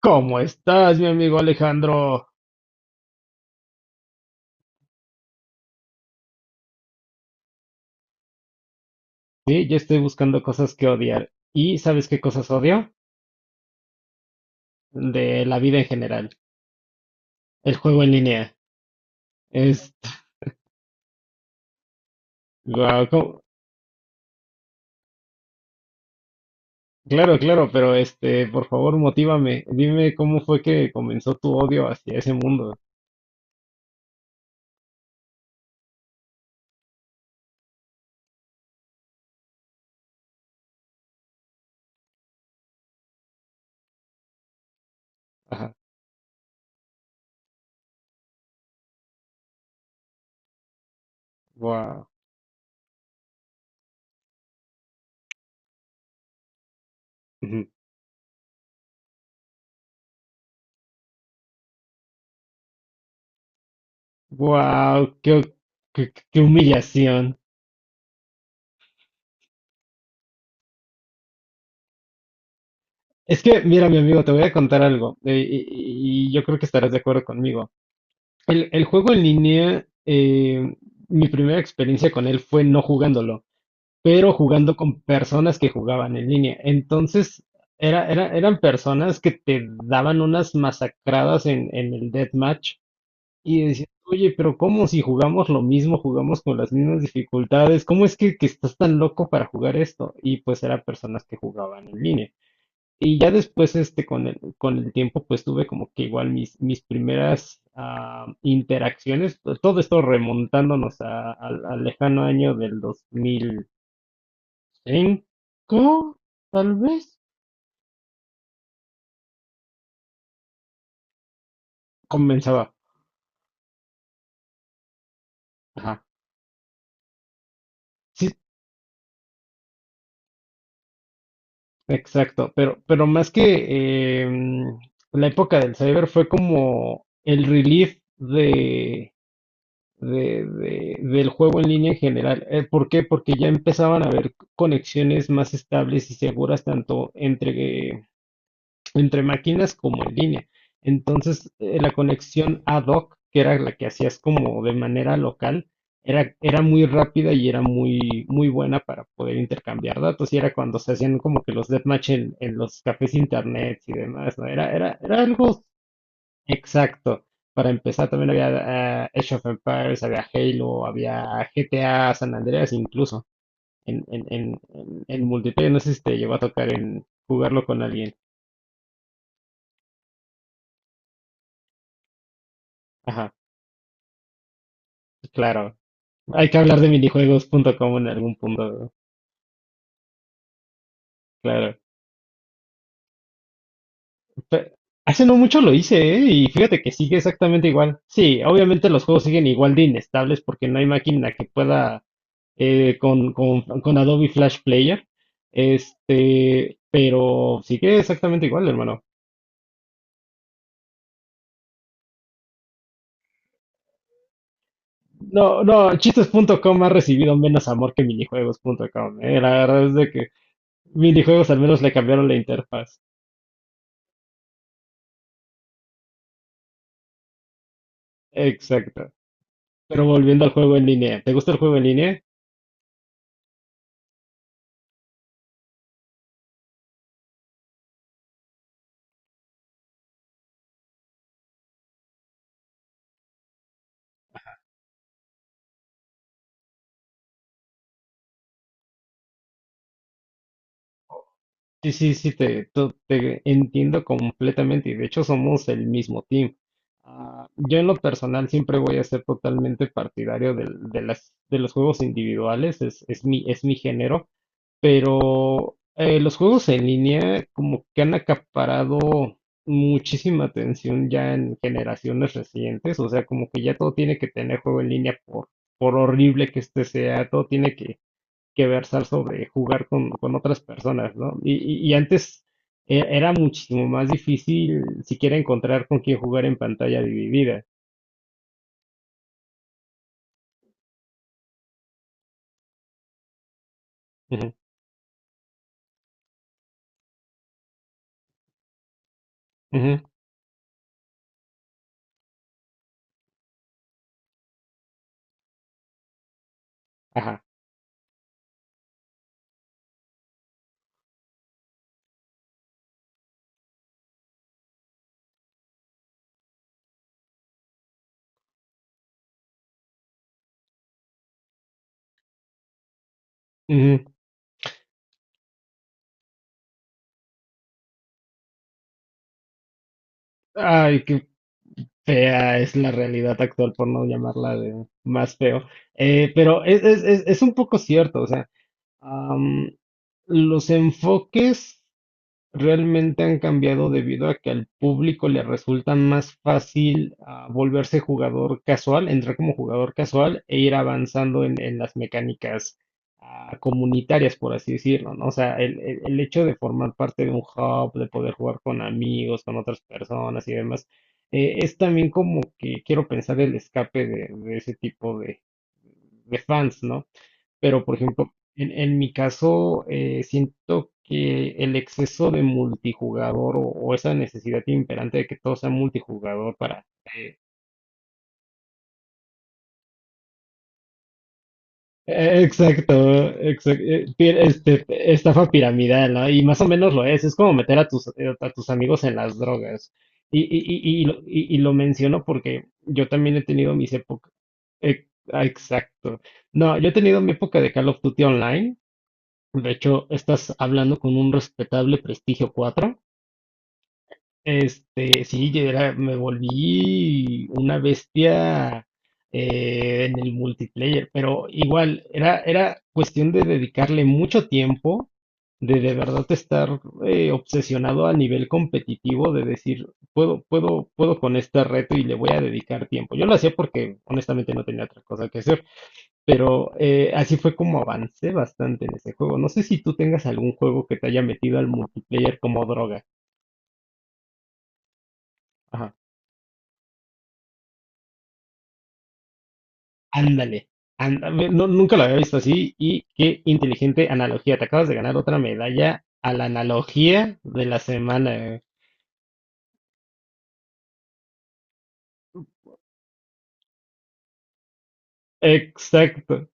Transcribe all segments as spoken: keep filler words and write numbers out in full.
¿Cómo estás, mi amigo Alejandro? Sí, yo estoy buscando cosas que odiar. ¿Y sabes qué cosas odio? De la vida en general. El juego en línea. Es... guau, ¿cómo? Claro, claro, pero este, por favor, motívame. Dime cómo fue que comenzó tu odio hacia ese mundo. Ajá. Wow. Wow, qué, qué- qué humillación. Es que, mira, mi amigo, te voy a contar algo, eh, y, y- y yo creo que estarás de acuerdo conmigo. El, el juego en línea. Eh, mi primera experiencia con él fue no jugándolo, pero jugando con personas que jugaban en línea. Entonces, era, era- eran personas que te daban unas masacradas en en el deathmatch y decías, oye, pero ¿cómo si jugamos lo mismo, jugamos con las mismas dificultades? ¿Cómo es que, que estás tan loco para jugar esto? Y pues eran personas que jugaban en línea. Y ya después, este, con el, con el tiempo, pues tuve como que igual mis, mis primeras ah, interacciones, to- todo esto remontándonos a- al al lejano año del dos mil cinco tal vez, comenzaba. Ajá, sí, exacto, pero, pero más que em, la época del cyber fue como el relief de- de- del juego en línea en general. Eh, ¿por qué? Porque ya empezaban a haber conexiones más estables y seguras tanto entre, entre máquinas como en línea. Entonces, eh, la conexión ad hoc, que era la que hacías como de manera local, era, era muy rápida y era muy, muy buena para poder intercambiar datos. Y era cuando se hacían como que los deathmatch en, en los cafés internet y demás, ¿no? Era, era, era algo exacto. Para empezar, también había eh, Age of Empires, había Halo, había G T A San Andreas incluso en, en, en, en, en multiplayer. No sé si te llegó a tocar en jugarlo con alguien. Ajá, claro. Hay que hablar de minijuegos punto com en algún punto, claro. Pe- Hace no mucho lo hice, ¿eh? Y fíjate que sigue exactamente igual. Sí, obviamente los juegos siguen igual de inestables porque no hay máquina que pueda, eh, con, con, con Adobe Flash Player. Este, pero sigue exactamente igual, hermano. No, no, chistes punto com ha recibido menos amor que minijuegos punto com. eh, La verdad es de que minijuegos al menos le cambiaron la interfaz. Exacto. Pero volviendo al juego en línea, ¿te gusta el juego en línea? Sí, sí, sí, te, to- te entiendo completamente y de hecho somos el mismo team. Ah, yo en lo personal siempre voy a ser totalmente partidario del- de, las, de los juegos individuales. Es, es mi, es mi género, pero eh, los juegos en línea como que han acaparado muchísima atención ya en generaciones recientes. O sea, como que ya todo tiene que tener juego en línea por, por horrible que este sea, todo tiene que que versar sobre jugar con, con otras personas, ¿no? Y, y- y antes e- era muchísimo más difícil siquiera encontrar con quién jugar en pantalla dividida. Ujú, ujú, ajá, ujú. Ay, qué fea es la realidad actual, por no llamarla de más feo. Eh, pero es, es, es, es un poco cierto. O sea, am, los enfoques realmente han cambiado debido a que al público le resulta más fácil, ah, volverse jugador casual, entrar como jugador casual e ir avanzando en, en las mecánicas ah, comunitarias, por así decirlo, ¿no? O sea, el, el- el hecho de formar parte de un hub, de poder jugar con amigos, con otras personas y demás, eh, es también como que quiero pensar el escape de, de ese tipo de, de fans, ¿no? Pero, por ejemplo, en, en mi caso, eh, siento que el exceso de multijugador o, o esa necesidad imperante de que todo sea multijugador para... eh, eh, exacto, exacto, eh, pi- este, estafa piramidal, ¿no? Y más o menos lo es, es como meter a tus, eh, a tus amigos en las drogas. Y, y, y, y, lo, y- y lo menciono porque yo también he tenido mis épocas. eh, ah, Exacto. No, yo he tenido mi época de Call of Duty Online. De hecho, estás hablando con un respetable prestigio cuatro. Este, sí, yo era- me volví una bestia eh, en el multiplayer, pero igual era, era cuestión de dedicarle mucho tiempo, de de verdad estar eh, obsesionado a nivel competitivo, de decir, puedo, puedo, puedo con este reto y le voy a dedicar tiempo. Yo lo hacía porque honestamente no tenía otra cosa que hacer. Pero eh, así fue como avancé bastante en ese juego. No sé si tú tengas algún juego que te haya metido al multiplayer como droga. Ajá. Ándale. anda- ve- no, nunca lo había visto así, y qué inteligente analogía. Te acabas de ganar otra medalla a la analogía de la semana. eh. Exacto.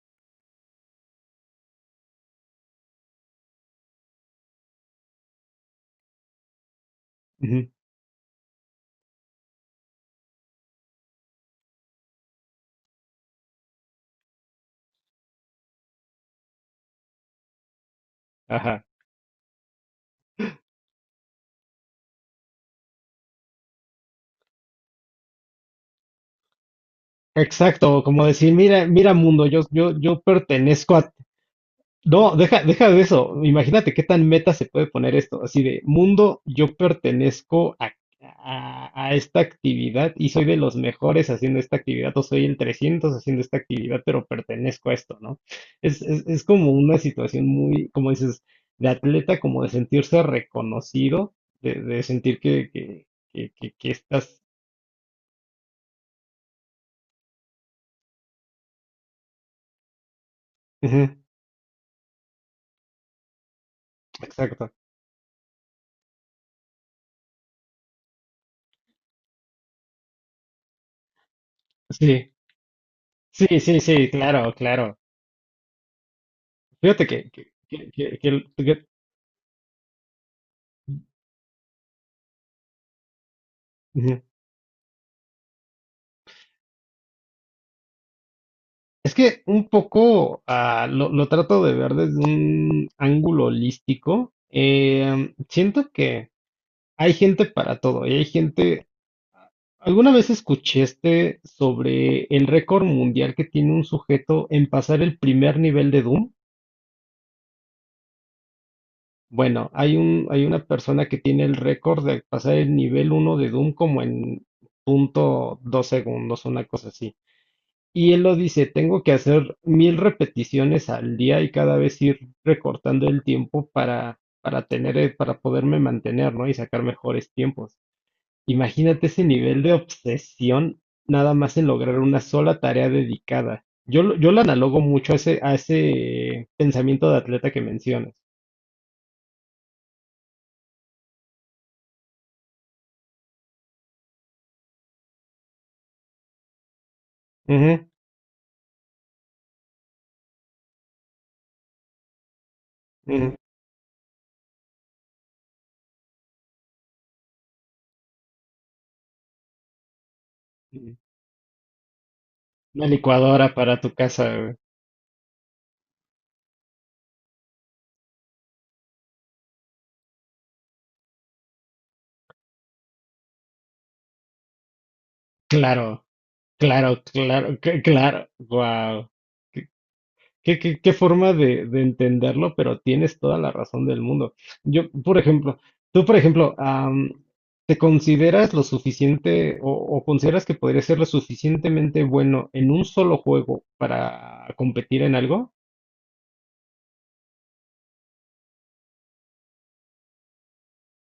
Ujú, ajá. Exacto. Como decir, mira, mira mundo, yo, yo, yo pertenezco a... No, deja, deja de eso. Imagínate qué tan meta se puede poner esto. Así de, mundo, yo pertenezco a, a- a esta actividad, y soy de los mejores haciendo esta actividad, o soy el trescientos haciendo esta actividad, pero pertenezco a esto, ¿no? Es, es, es como una situación muy, como dices, de atleta, como de sentirse reconocido, de, de sentir que, que, que, que, que estás... Ujú, exacto. Sí, sí, sí, sí, claro, claro. Fíjate que, que, que, que, que- que- ujú. Es que un poco, ah, lo, lo trato de ver desde un ángulo holístico. Eh, siento que hay gente para todo y hay gente... ¿Alguna vez escuchaste sobre el récord mundial que tiene un sujeto en pasar el primer nivel de Doom? Bueno, hay un, hay una persona que tiene el récord de pasar el nivel uno de Doom como en punto dos segundos, una cosa así. Y él lo dice, tengo que hacer mil repeticiones al día, y cada vez ir recortando el tiempo para, para tener, eh, para poderme mantener, ¿no? Y sacar mejores tiempos. Imagínate ese nivel de obsesión nada más en lograr una sola tarea dedicada. Yo, lo- yo lo analogo mucho a ese, a ese pensamiento de atleta que mencionas. Ujú, ujú, ujú. Una licuadora para tu casa, güey. Claro, claro, claro, cl- claro. Wow. Qué, qué- qué forma de, de entenderlo, pero tienes toda la razón del mundo. Yo, por ejemplo, tú, por ejemplo, am, ¿te consideras lo suficiente, o, o consideras que podrías ser lo suficientemente bueno en un solo juego para competir en algo?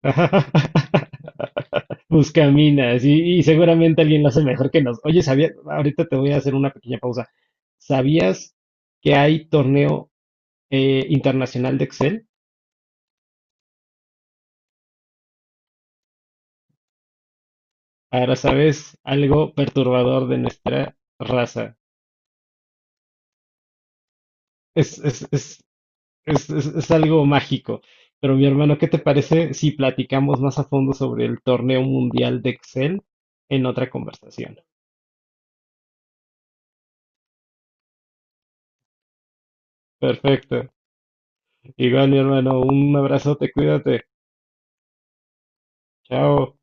Buscaminas, y, y seguramente alguien lo hace mejor que nos. Oye, sabía, ahorita te voy a hacer una pequeña pausa. ¿Sabías que hay torneo, eh, internacional de Excel? Ahora sabes algo perturbador de nuestra raza. Es, es, es, es, es- es algo mágico. Pero mi hermano, ¿qué te parece si platicamos más a fondo sobre el torneo mundial de Excel en otra conversación? Perfecto. Igual, mi hermano, un abrazote, cuídate. Chao.